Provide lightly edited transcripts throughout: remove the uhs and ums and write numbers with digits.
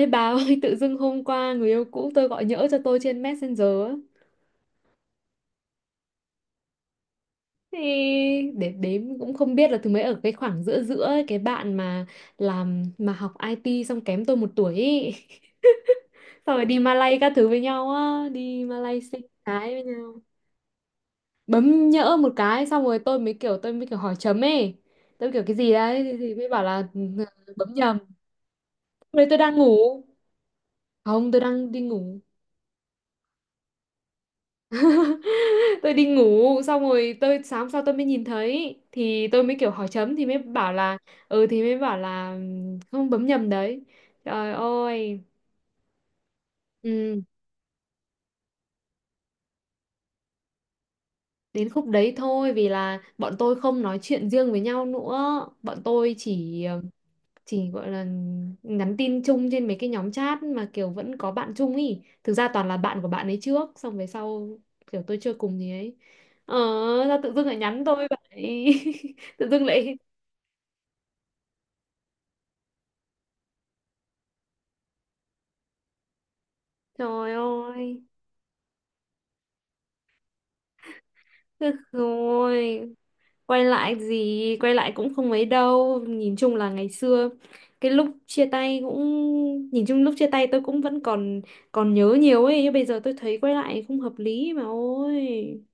Ê bà ơi, tự dưng hôm qua người yêu cũ tôi gọi nhỡ cho tôi trên Messenger á. Thì để đếm cũng không biết là thứ mấy ở cái khoảng giữa giữa ấy, cái bạn mà làm mà học IT xong kém tôi một tuổi ấy. Xong rồi đi Malay các thứ với nhau á, đi Malay sinh cái với nhau. Bấm nhỡ một cái xong rồi tôi mới kiểu hỏi chấm ấy. Tôi mới kiểu cái gì đấy thì mới bảo là ừ, bấm nhầm. Lúc đấy tôi đang ngủ. Không, tôi đang đi ngủ. Tôi đi ngủ xong rồi tôi sáng sau tôi mới nhìn thấy thì tôi mới kiểu hỏi chấm thì mới bảo là ừ thì mới bảo là không bấm nhầm đấy trời ơi ừ, đến khúc đấy thôi vì là bọn tôi không nói chuyện riêng với nhau nữa, bọn tôi chỉ chỉ gọi là nhắn tin chung trên mấy cái nhóm chat mà kiểu vẫn có bạn chung ý, thực ra toàn là bạn của bạn ấy trước xong về sau kiểu tôi chơi cùng thì ấy, ờ ra tự dưng lại nhắn tôi vậy. Tự dưng lại trời ơi, được rồi, quay lại gì, quay lại cũng không mấy đâu. Nhìn chung là ngày xưa, cái lúc chia tay cũng, nhìn chung lúc chia tay tôi cũng vẫn còn còn nhớ nhiều ấy. Nhưng bây giờ tôi thấy quay lại không hợp lý mà ôi.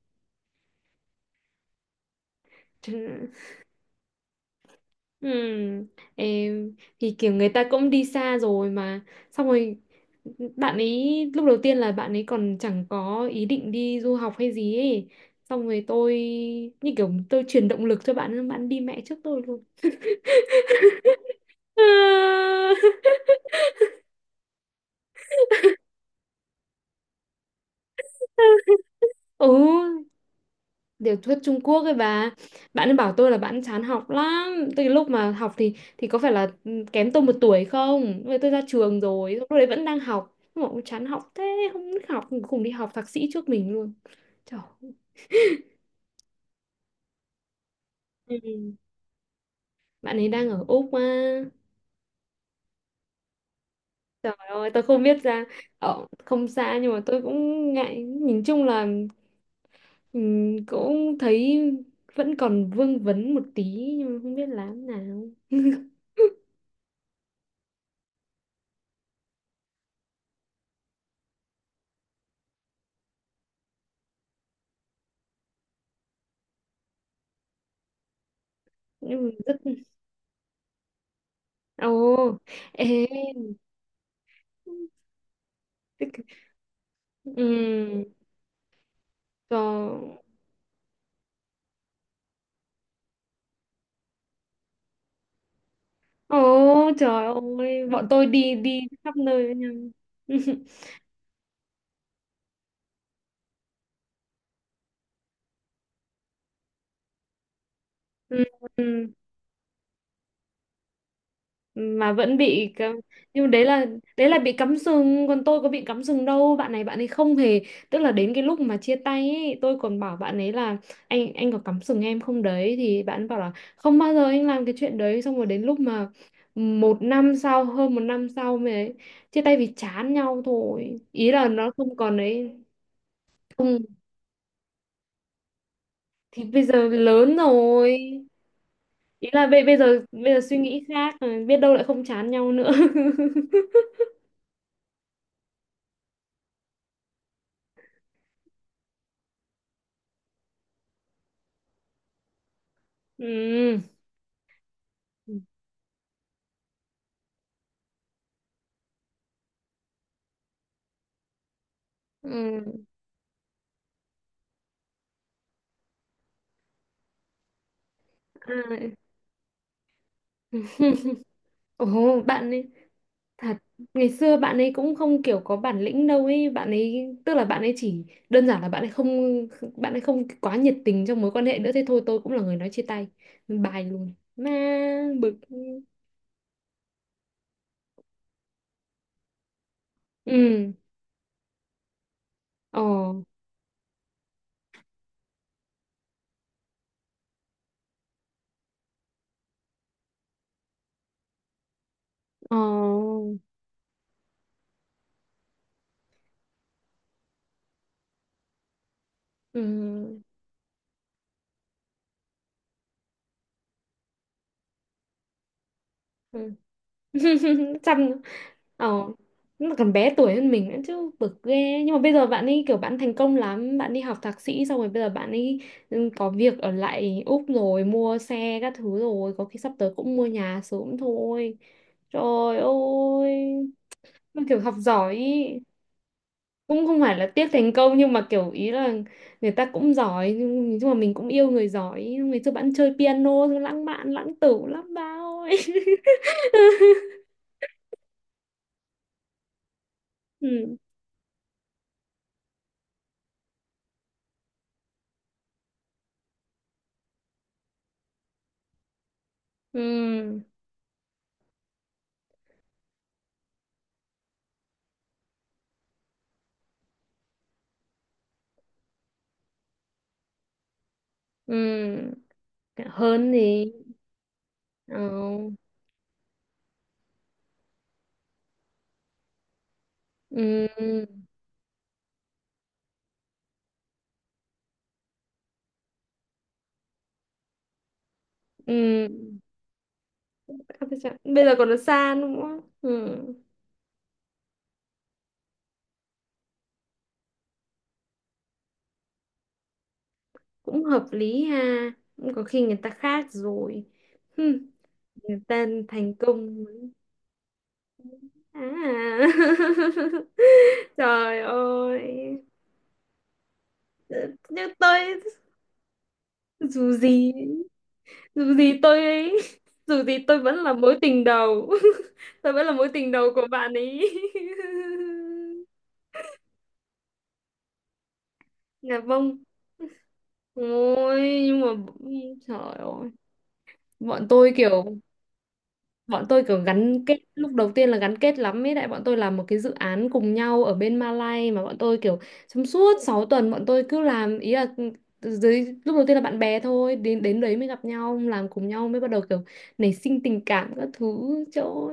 Ừ, em thì kiểu người ta cũng đi xa rồi mà, xong rồi bạn ấy lúc đầu tiên là bạn ấy còn chẳng có ý định đi du học hay gì ấy, xong rồi tôi như kiểu tôi truyền động lực cho bạn ấy, bạn đi mẹ trước tôi luôn. Ừ, tiểu thuyết Trung Quốc ấy bà, bạn ấy bảo tôi là bạn chán học lắm, từ lúc mà học thì có phải là ừ, kém tôi một tuổi không, rồi tôi ra trường rồi lúc đấy vẫn đang học mà cũng chán học thế, không thích học, cùng đi học thạc sĩ trước mình luôn, trời ơi. Ừ. Bạn ấy đang ở Úc mà, trời ơi tôi không biết ra, ở không xa nhưng mà tôi cũng ngại, nhìn chung là cũng thấy vẫn còn vương vấn một tí nhưng mà không biết làm nào. Nhưng mà rất ồ, ê, tức- ừm, trời, ồ, trời ơi, bọn tôi đi đi khắp nơi với nhau. Ừm, mà vẫn bị cắm... nhưng mà đấy là, đấy là bị cắm sừng còn tôi có bị cắm sừng đâu, bạn này bạn ấy không hề, tức là đến cái lúc mà chia tay ấy, tôi còn bảo bạn ấy là anh có cắm sừng em không đấy thì bạn ấy bảo là không bao giờ anh làm cái chuyện đấy, xong rồi đến lúc mà một năm sau, hơn một năm sau mới ấy, chia tay vì chán nhau thôi, ý là nó không còn đấy. Không thì bây giờ lớn rồi, ý là bây bây giờ suy nghĩ khác, biết đâu lại không chán nhau nữa. Ừ. Ừ. À. Ồ, bạn ấy thật, ngày xưa bạn ấy cũng không kiểu có bản lĩnh đâu ấy, bạn ấy tức là bạn ấy chỉ đơn giản là bạn ấy không, bạn ấy không quá nhiệt tình trong mối quan hệ nữa, thế thôi, tôi cũng là người nói chia tay. Bài luôn. Mà bực. Ừ. Ồ. Ồ. Ừ. Ừ. Chăm ờ, nó là còn bé tuổi hơn mình nữa chứ, bực ghê, nhưng mà bây giờ bạn ấy kiểu bạn thành công lắm, bạn đi học thạc sĩ xong rồi bây giờ bạn ấy ừ, có việc ở lại Úc rồi, mua xe các thứ rồi, có khi sắp tới cũng mua nhà sớm thôi, trời ơi, nó kiểu học giỏi ý. Cũng không phải là tiếc thành công nhưng mà kiểu ý là người ta cũng giỏi nhưng mà mình cũng yêu người giỏi, ngày xưa bạn chơi piano lãng mạn lãng tử lắm ba ơi. Ừ. Ừ. Ừ, hơn thì ờ, ừ, ừ, áp với chạm. Bây giờ còn nó xa nữa, ừ. Cũng hợp lý ha, cũng có khi người ta khác rồi. Hừm, người ta thành công mới- à. Trời ơi, nhưng tôi, dù gì, dù gì tôi ấy, dù gì tôi vẫn là mối tình đầu, tôi vẫn là mối tình đầu của bạn ấy. Nhà vâng, ôi, nhưng mà trời ơi. Bọn tôi kiểu, bọn tôi kiểu gắn kết, lúc đầu tiên là gắn kết lắm ấy, đại bọn tôi làm một cái dự án cùng nhau ở bên Malay mà, bọn tôi kiểu trong suốt 6 tuần bọn tôi cứ làm, ý là ừ, dưới lúc đầu tiên là bạn bè thôi, đến đến đấy mới gặp nhau làm cùng nhau mới bắt đầu kiểu nảy sinh tình cảm các thứ chỗ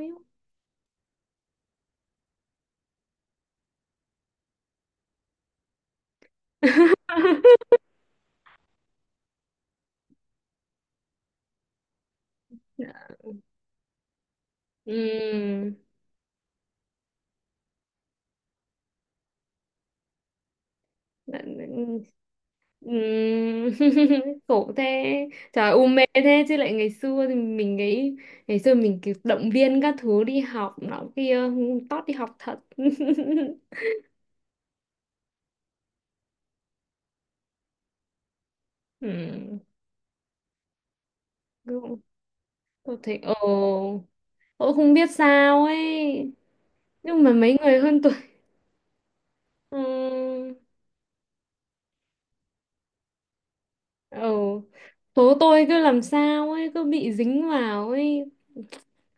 ừ. Ừm, khổ thế, trời, u mê thế chứ, lại ngày xưa thì mình nghĩ, ngày xưa mình kiểu động viên các thứ đi học nọ kia, tót đi học thật. Ừm, cũng- tôi thấy ồ, tôi không biết sao ấy, nhưng mà mấy người hơn tuổi ừm, ờ, số tôi cứ làm sao ấy cứ bị dính vào ấy,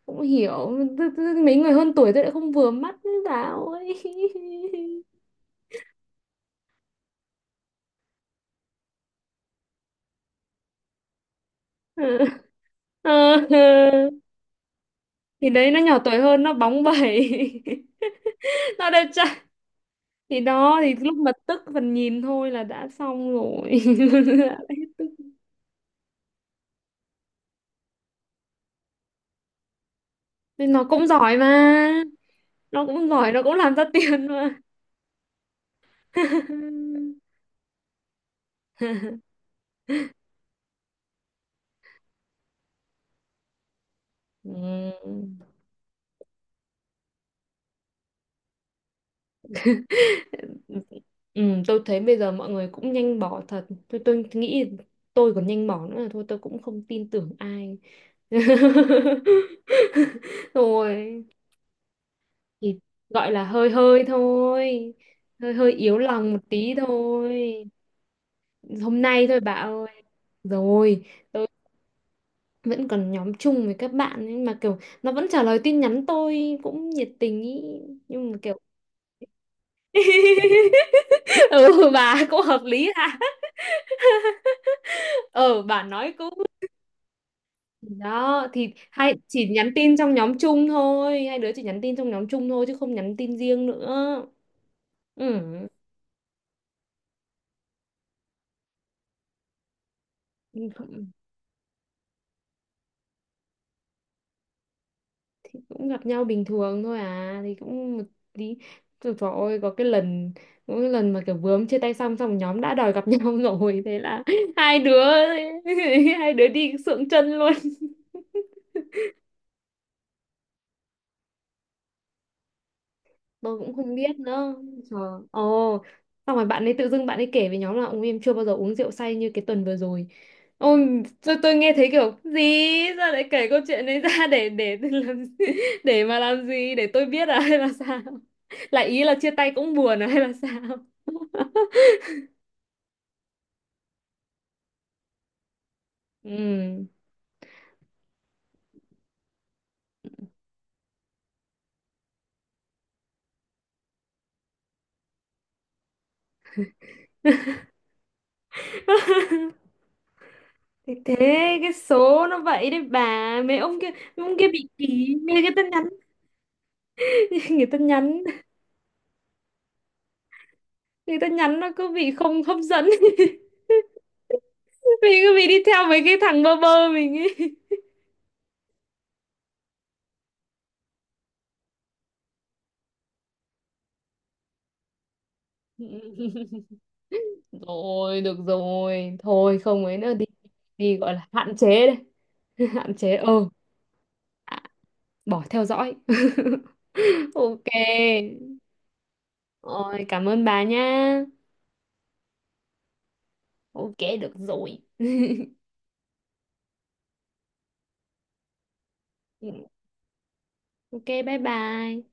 cũng hiểu. Tức mấy người hơn tuổi tôi lại không vừa mắt với bảo ấy. Ờ. Ờ. Thì đấy nó nhỏ tuổi hơn nó bóng bẩy, nó đẹp trai, thì đó, thì lúc mà tức phần nhìn thôi là đã xong rồi. Đã hết tức. Nhưng nó cũng giỏi mà, nó cũng giỏi, nó cũng làm ra tiền mà. Ừm. Ừ, tôi thấy bây giờ mọi người cũng nhanh bỏ thật, tôi nghĩ tôi còn nhanh bỏ nữa là thôi, tôi cũng không tin tưởng ai. Rồi thì gọi là hơi hơi thôi, hơi hơi yếu lòng một tí thôi, hôm nay thôi bà ơi. Rồi tôi vẫn còn nhóm chung với các bạn ấy, mà kiểu nó vẫn trả lời tin nhắn tôi cũng nhiệt tình ý, nhưng mà kiểu ừ bà cũng hợp lý ha, ừ bà nói cũng, đó thì hai chỉ nhắn tin trong nhóm chung thôi, hai đứa chỉ nhắn tin trong nhóm chung thôi chứ không nhắn tin riêng nữa. Ừ, cũng gặp nhau bình thường thôi, à thì cũng một tí, trời, trời ơi, có cái lần, có cái lần mà kiểu vướng chia tay xong xong nhóm đã đòi gặp nhau rồi, thế là hai đứa, hai đứa đi sượng chân luôn. Tôi cũng không biết nữa, trời, ồ, xong rồi bạn ấy tự dưng bạn ấy kể với nhóm là ông em chưa bao giờ uống rượu say như cái tuần vừa rồi, ôi tôi nghe thấy kiểu gì, sao lại kể câu chuyện đấy ra để làm gì? Để mà làm gì, để tôi biết à hay là sao, lại ý là chia tay cũng buồn à hay là sao. Ừ. Thế thế cái số nó vậy đấy bà. Mấy ông kia, mấy ông kia bị kỳ, nghe người ta nhắn, người ta nhắn, người ta nhắn nó cứ bị không hấp dẫn. Mình cứ bị đi theo mấy cái thằng bơ bơ mình ấy. Rồi được rồi, thôi không ấy nữa đi, đi gọi là hạn chế đây. Hạn chế ờ, à, bỏ theo dõi. Ok, rồi cảm ơn bà nha. Ok được rồi. Ok bye bye.